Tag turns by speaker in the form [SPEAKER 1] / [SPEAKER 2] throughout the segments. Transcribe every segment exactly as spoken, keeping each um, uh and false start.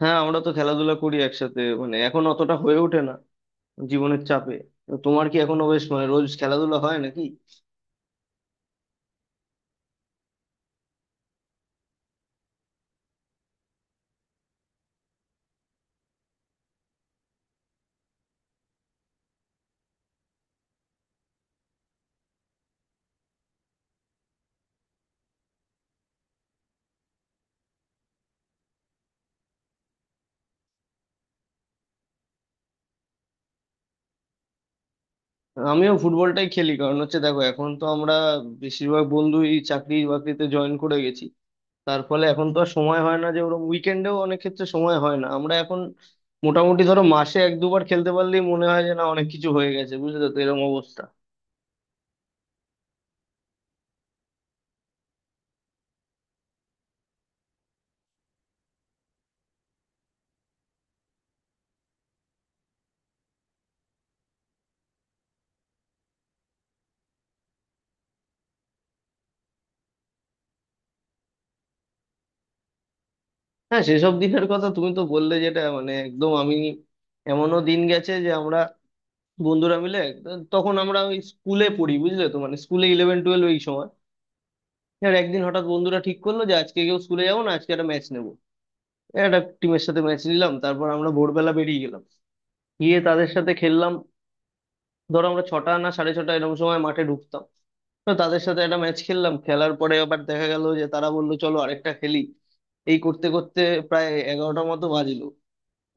[SPEAKER 1] হ্যাঁ, আমরা তো খেলাধুলা করি একসাথে, মানে এখন অতটা হয়ে ওঠে না জীবনের চাপে। তো তোমার কি এখনো বেশ মানে রোজ খেলাধুলা হয় নাকি? আমিও ফুটবলটাই খেলি, কারণ হচ্ছে দেখো এখন তো আমরা বেশিরভাগ বন্ধুই চাকরি বাকরিতে জয়েন করে গেছি। তার ফলে এখন তো আর সময় হয় না, যে ওরকম উইকেন্ডেও অনেক ক্ষেত্রে সময় হয় না। আমরা এখন মোটামুটি ধরো মাসে এক দুবার খেলতে পারলেই মনে হয় যে না, অনেক কিছু হয়ে গেছে। বুঝলে তো, এরকম অবস্থা। হ্যাঁ, সেসব দিনের কথা তুমি তো বললে, যেটা মানে একদম আমি এমনও দিন গেছে যে আমরা বন্ধুরা মিলে, তখন আমরা ওই স্কুলে পড়ি, বুঝলে তো, মানে স্কুলে ইলেভেন টুয়েলভ এই সময়, আর একদিন হঠাৎ বন্ধুরা ঠিক করলো যে আজকে কেউ স্কুলে যাবো না, আজকে একটা ম্যাচ নেবো। একটা টিমের সাথে ম্যাচ নিলাম, তারপর আমরা ভোরবেলা বেরিয়ে গেলাম, গিয়ে তাদের সাথে খেললাম। ধরো আমরা ছটা না সাড়ে ছটা এরকম সময় মাঠে ঢুকতাম। তো তাদের সাথে একটা ম্যাচ খেললাম, খেলার পরে আবার দেখা গেল যে তারা বললো চলো আরেকটা খেলি। এই করতে করতে প্রায় এগারোটার মতো বাজলো।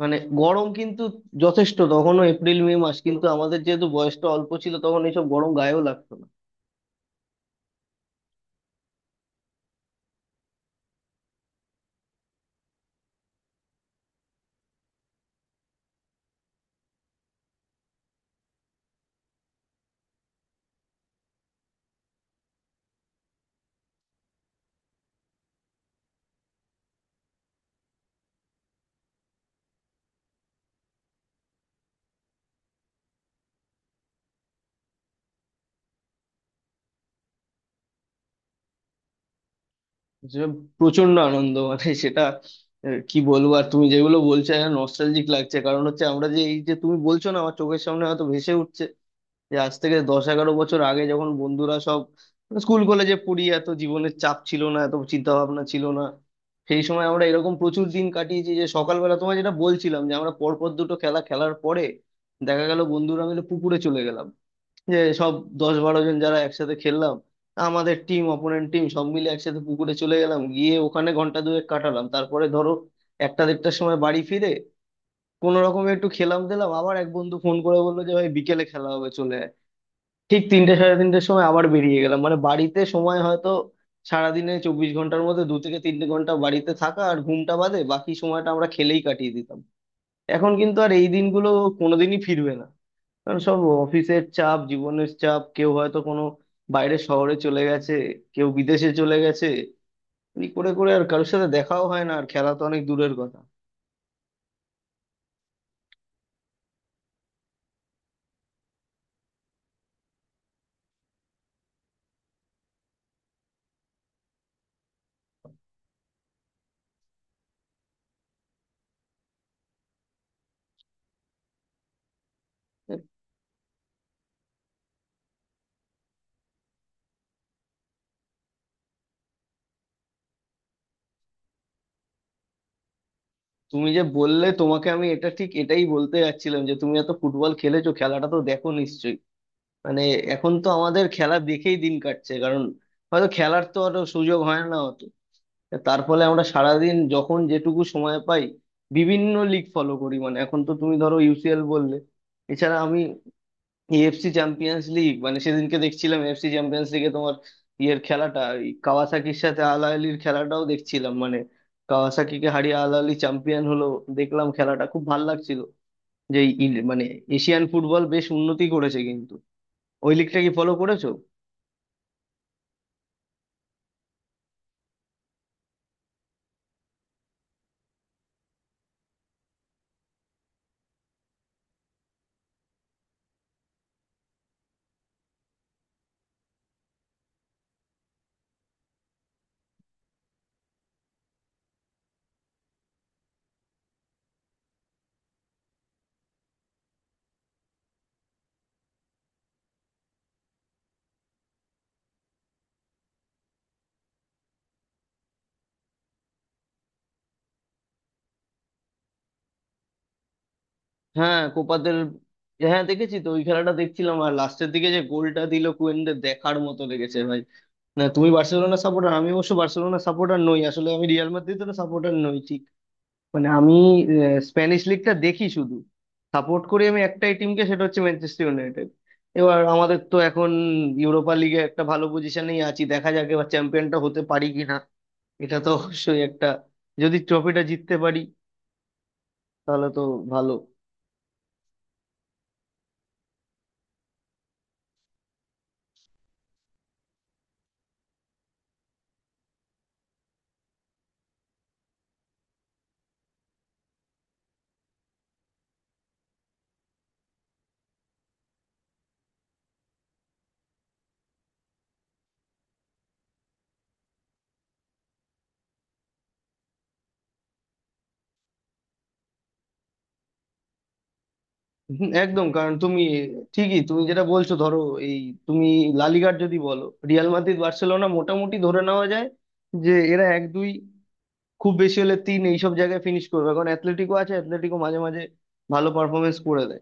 [SPEAKER 1] মানে গরম কিন্তু যথেষ্ট, তখনও এপ্রিল মে মাস, কিন্তু আমাদের যেহেতু বয়সটা অল্প ছিল তখন, এইসব গরম গায়েও লাগতো না। যে প্রচন্ড আনন্দ, মানে সেটা আহ, কি বলবো আর। তুমি যেগুলো বলছো নস্টালজিক লাগছে, কারণ হচ্ছে আমরা যে, এই যে তুমি বলছো না, আমার চোখের সামনে হয়তো ভেসে উঠছে যে আজ থেকে দশ এগারো বছর আগে যখন বন্ধুরা সব স্কুল কলেজে পড়ি, এত জীবনের চাপ ছিল না, এত চিন্তা ভাবনা ছিল না। সেই সময় আমরা এরকম প্রচুর দিন কাটিয়েছি, যে সকালবেলা তোমায় যেটা বলছিলাম, যে আমরা পরপর দুটো খেলা খেলার পরে দেখা গেল বন্ধুরা মিলে পুকুরে চলে গেলাম। যে সব দশ বারো জন যারা একসাথে খেললাম, আমাদের টিম অপোনেন্ট টিম সব মিলে একসাথে পুকুরে চলে গেলাম, গিয়ে ওখানে ঘন্টা দুয়েক কাটালাম। তারপরে ধরো একটা দেড়টার সময় বাড়ি ফিরে কোনো রকমে একটু খেলাম দিলাম, আবার এক বন্ধু ফোন করে বললো যে ভাই বিকেলে খেলা হবে চলে আয়। ঠিক তিনটে সাড়ে তিনটের সময় আবার বেরিয়ে গেলাম, মানে বাড়িতে সময় হয়তো সারাদিনে চব্বিশ ঘন্টার মধ্যে দু থেকে তিনটে ঘন্টা বাড়িতে থাকা আর ঘুমটা বাদে বাকি সময়টা আমরা খেলেই কাটিয়ে দিতাম। এখন কিন্তু আর এই দিনগুলো কোনোদিনই ফিরবে না, কারণ সব অফিসের চাপ, জীবনের চাপ, কেউ হয়তো কোনো বাইরের শহরে চলে গেছে, কেউ বিদেশে চলে গেছে, এই করে করে আর কারোর সাথে দেখাও হয় না, আর খেলা তো অনেক দূরের কথা। তুমি যে বললে, তোমাকে আমি এটা ঠিক এটাই বলতে যাচ্ছিলাম যে তুমি এত ফুটবল খেলেছো, খেলাটা তো দেখো নিশ্চয়ই। মানে এখন তো আমাদের খেলা দেখেই দিন কাটছে, কারণ হয়তো খেলার তো আর সুযোগ হয় না অত। তার ফলে আমরা সারাদিন যখন যেটুকু সময় পাই বিভিন্ন লিগ ফলো করি। মানে এখন তো তুমি ধরো ইউসিএল বললে, এছাড়া আমি এএফসি চ্যাম্পিয়ন্স লিগ, মানে সেদিনকে দেখছিলাম এএফসি চ্যাম্পিয়ন্স লিগে তোমার ইয়ের খেলাটা, এই কাওয়াসাকির সাথে আল আহলির খেলাটাও দেখছিলাম। মানে কাওয়াসাকিকে হারিয়ে আল আহলি চ্যাম্পিয়ন হলো, দেখলাম খেলাটা খুব ভাল লাগছিল। যে এই ইন- মানে এশিয়ান ফুটবল বেশ উন্নতি করেছে কিন্তু। ওই লিগটা কি ফলো করেছো? হ্যাঁ, কোপাদের। হ্যাঁ, দেখেছি তো, ওই খেলাটা দেখছিলাম। আর লাস্টের দিকে যে গোলটা দিল কুয়েনদের, দেখার মতো লেগেছে ভাই। না, তুমি বার্সেলোনা সাপোর্টার, আমি অবশ্য বার্সেলোনা সাপোর্টার নই, আসলে আমি রিয়াল মাদ্রিদের সাপোর্টার নই, মানে আমি স্প্যানিশ লিগটা দেখি শুধু। সাপোর্ট করি আমি একটাই টিমকে, সেটা হচ্ছে ম্যানচেস্টার ইউনাইটেড। এবার আমাদের তো এখন ইউরোপা লিগে একটা ভালো পজিশনেই আছি, দেখা যাক এবার চ্যাম্পিয়নটা হতে পারি কিনা। এটা তো অবশ্যই একটা, যদি ট্রফিটা জিততে পারি তাহলে তো ভালো। হুম, একদম। কারণ তুমি ঠিকই তুমি যেটা বলছো, ধরো এই তুমি লালিগার যদি বলো, রিয়াল মাদ্রিদ বার্সেলোনা মোটামুটি ধরে নেওয়া যায় যে এরা এক দুই, খুব বেশি হলে তিন এইসব জায়গায় ফিনিশ করবে। কারণ অ্যাথলেটিকও আছে, অ্যাথলেটিকও মাঝে মাঝে ভালো পারফরমেন্স করে দেয়।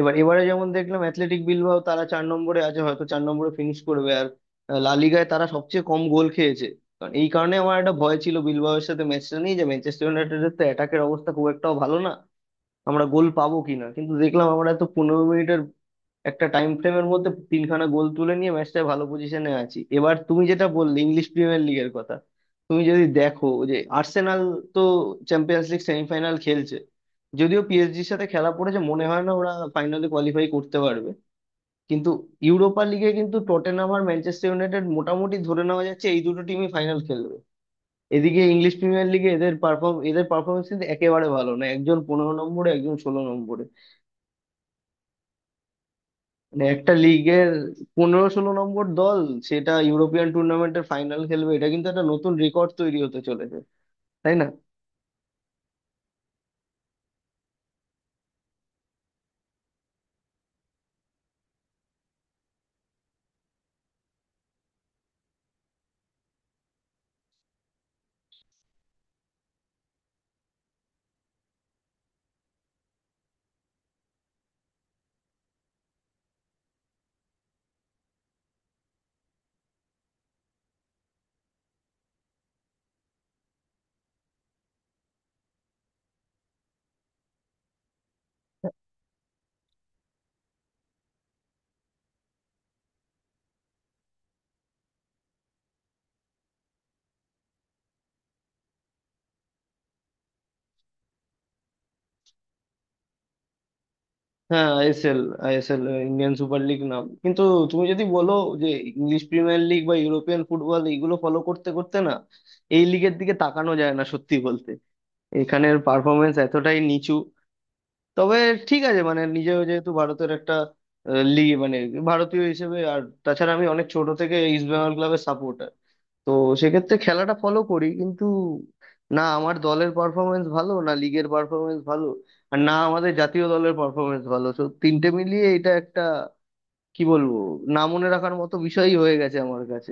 [SPEAKER 1] এবার এবারে যেমন দেখলাম অ্যাথলেটিক বিলবাও, তারা চার নম্বরে আছে, হয়তো চার নম্বরে ফিনিশ করবে, আর আহ, লা লিগায় তারা সবচেয়ে কম গোল খেয়েছে। কারণ এই কারণে আমার একটা ভয় ছিল বিলবাওয়ের সাথে ম্যাচটা নিয়ে, যে ম্যানচেস্টার ইউনাইটেডের তো অ্যাটাকের অবস্থা খুব একটাও ভালো না, আমরা গোল পাবো কিনা। কিন্তু দেখলাম আমরা তো পনেরো মিনিটের একটা টাইম ফ্রেমের মধ্যে তিনখানা গোল তুলে নিয়ে ম্যাচটায় ভালো পজিশনে আছি। এবার তুমি যেটা বললে ইংলিশ প্রিমিয়ার লিগের কথা, তুমি যদি দেখো যে আর্সেনাল তো চ্যাম্পিয়ন্স লিগ সেমিফাইনাল খেলছে, যদিও পিএসজির সাথে খেলা পড়েছে, মনে হয় না ওরা ফাইনালে কোয়ালিফাই করতে পারবে। কিন্তু ইউরোপা লিগে কিন্তু টটেনহাম আর ম্যানচেস্টার ইউনাইটেড মোটামুটি ধরে নেওয়া যাচ্ছে এই দুটো টিমই ফাইনাল খেলবে। এদিকে ইংলিশ প্রিমিয়ার লিগে এদের পারফর্ম এদের পারফরমেন্স কিন্তু একেবারে ভালো না, একজন পনেরো নম্বরে, একজন ষোলো নম্বরে। মানে একটা লিগের পনেরো ষোলো নম্বর দল সেটা ইউরোপিয়ান টুর্নামেন্টের ফাইনাল খেলবে, এটা কিন্তু একটা নতুন রেকর্ড তৈরি হতে চলেছে, তাই না? হ্যাঁ, ISL. ISL, Indian Super League নাম। কিন্তু তুমি যদি বলো যে ইংলিশ প্রিমিয়ার লিগ বা ইউরোপিয়ান ফুটবল এইগুলো ফলো করতে করতে না এই লিগের দিকে তাকানো যায় না, সত্যি বলতে এখানের পারফরমেন্স এতটাই নিচু। তবে ঠিক আছে, মানে নিজেও যেহেতু ভারতের একটা লিগ, মানে ভারতীয় হিসেবে, আর তাছাড়া আমি অনেক ছোট থেকে ইস্ট বেঙ্গল ক্লাবের সাপোর্টার, তো সেক্ষেত্রে খেলাটা ফলো করি। কিন্তু না আমার দলের পারফরমেন্স ভালো, না লিগের পারফরমেন্স ভালো, আর না আমাদের জাতীয় দলের পারফরমেন্স ভালো। তো তিনটে মিলিয়ে এটা একটা, কি বলবো, না মনে রাখার মতো বিষয়ই হয়ে গেছে আমার কাছে।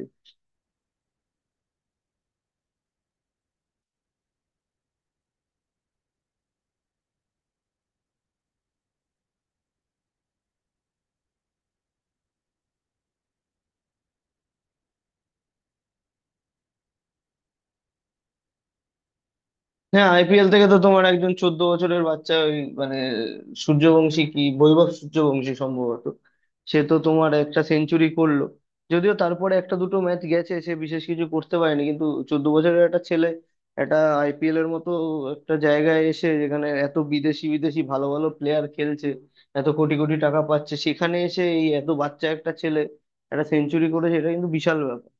[SPEAKER 1] হ্যাঁ, আইপিএল থেকে তো তোমার একজন চোদ্দ বছরের বাচ্চা, ওই মানে সূর্যবংশী, কি বৈভব সূর্যবংশী সম্ভবত, সে তো তোমার একটা সেঞ্চুরি করলো। যদিও তারপরে একটা দুটো ম্যাচ গেছে সে বিশেষ কিছু করতে পারেনি, কিন্তু চোদ্দ বছরের একটা ছেলে একটা আইপিএল এর মতো একটা জায়গায় এসে, যেখানে এত বিদেশি বিদেশি ভালো ভালো প্লেয়ার খেলছে, এত কোটি কোটি টাকা পাচ্ছে, সেখানে এসে এই এত বাচ্চা একটা ছেলে একটা সেঞ্চুরি করেছে, এটা কিন্তু বিশাল ব্যাপার।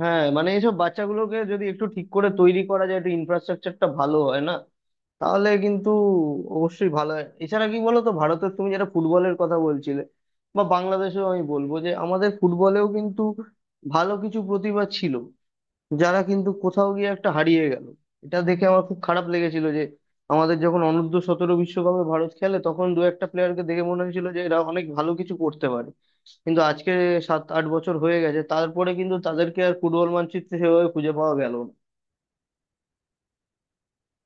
[SPEAKER 1] হ্যাঁ, মানে এইসব বাচ্চাগুলোকে যদি একটু ঠিক করে তৈরি করা যায়, একটু ইনফ্রাস্ট্রাকচারটা ভালো হয় না তাহলে কিন্তু অবশ্যই ভালো হয়। এছাড়া কি বলতো, ভারতের তুমি যেটা ফুটবলের কথা বলছিলে, বা বাংলাদেশেও আমি বলবো যে আমাদের ফুটবলেও কিন্তু ভালো কিছু প্রতিভা ছিল, যারা কিন্তু কোথাও গিয়ে একটা হারিয়ে গেল। এটা দেখে আমার খুব খারাপ লেগেছিল যে আমাদের যখন অনূর্ধ্ব সতেরো বিশ্বকাপে ভারত খেলে, তখন দু একটা প্লেয়ারকে দেখে মনে হয়েছিল যে এরা অনেক ভালো কিছু করতে পারে। কিন্তু আজকে সাত আট বছর হয়ে গেছে তারপরে, কিন্তু তাদেরকে আর ফুটবল মানচিত্রে সেভাবে খুঁজে পাওয়া গেল।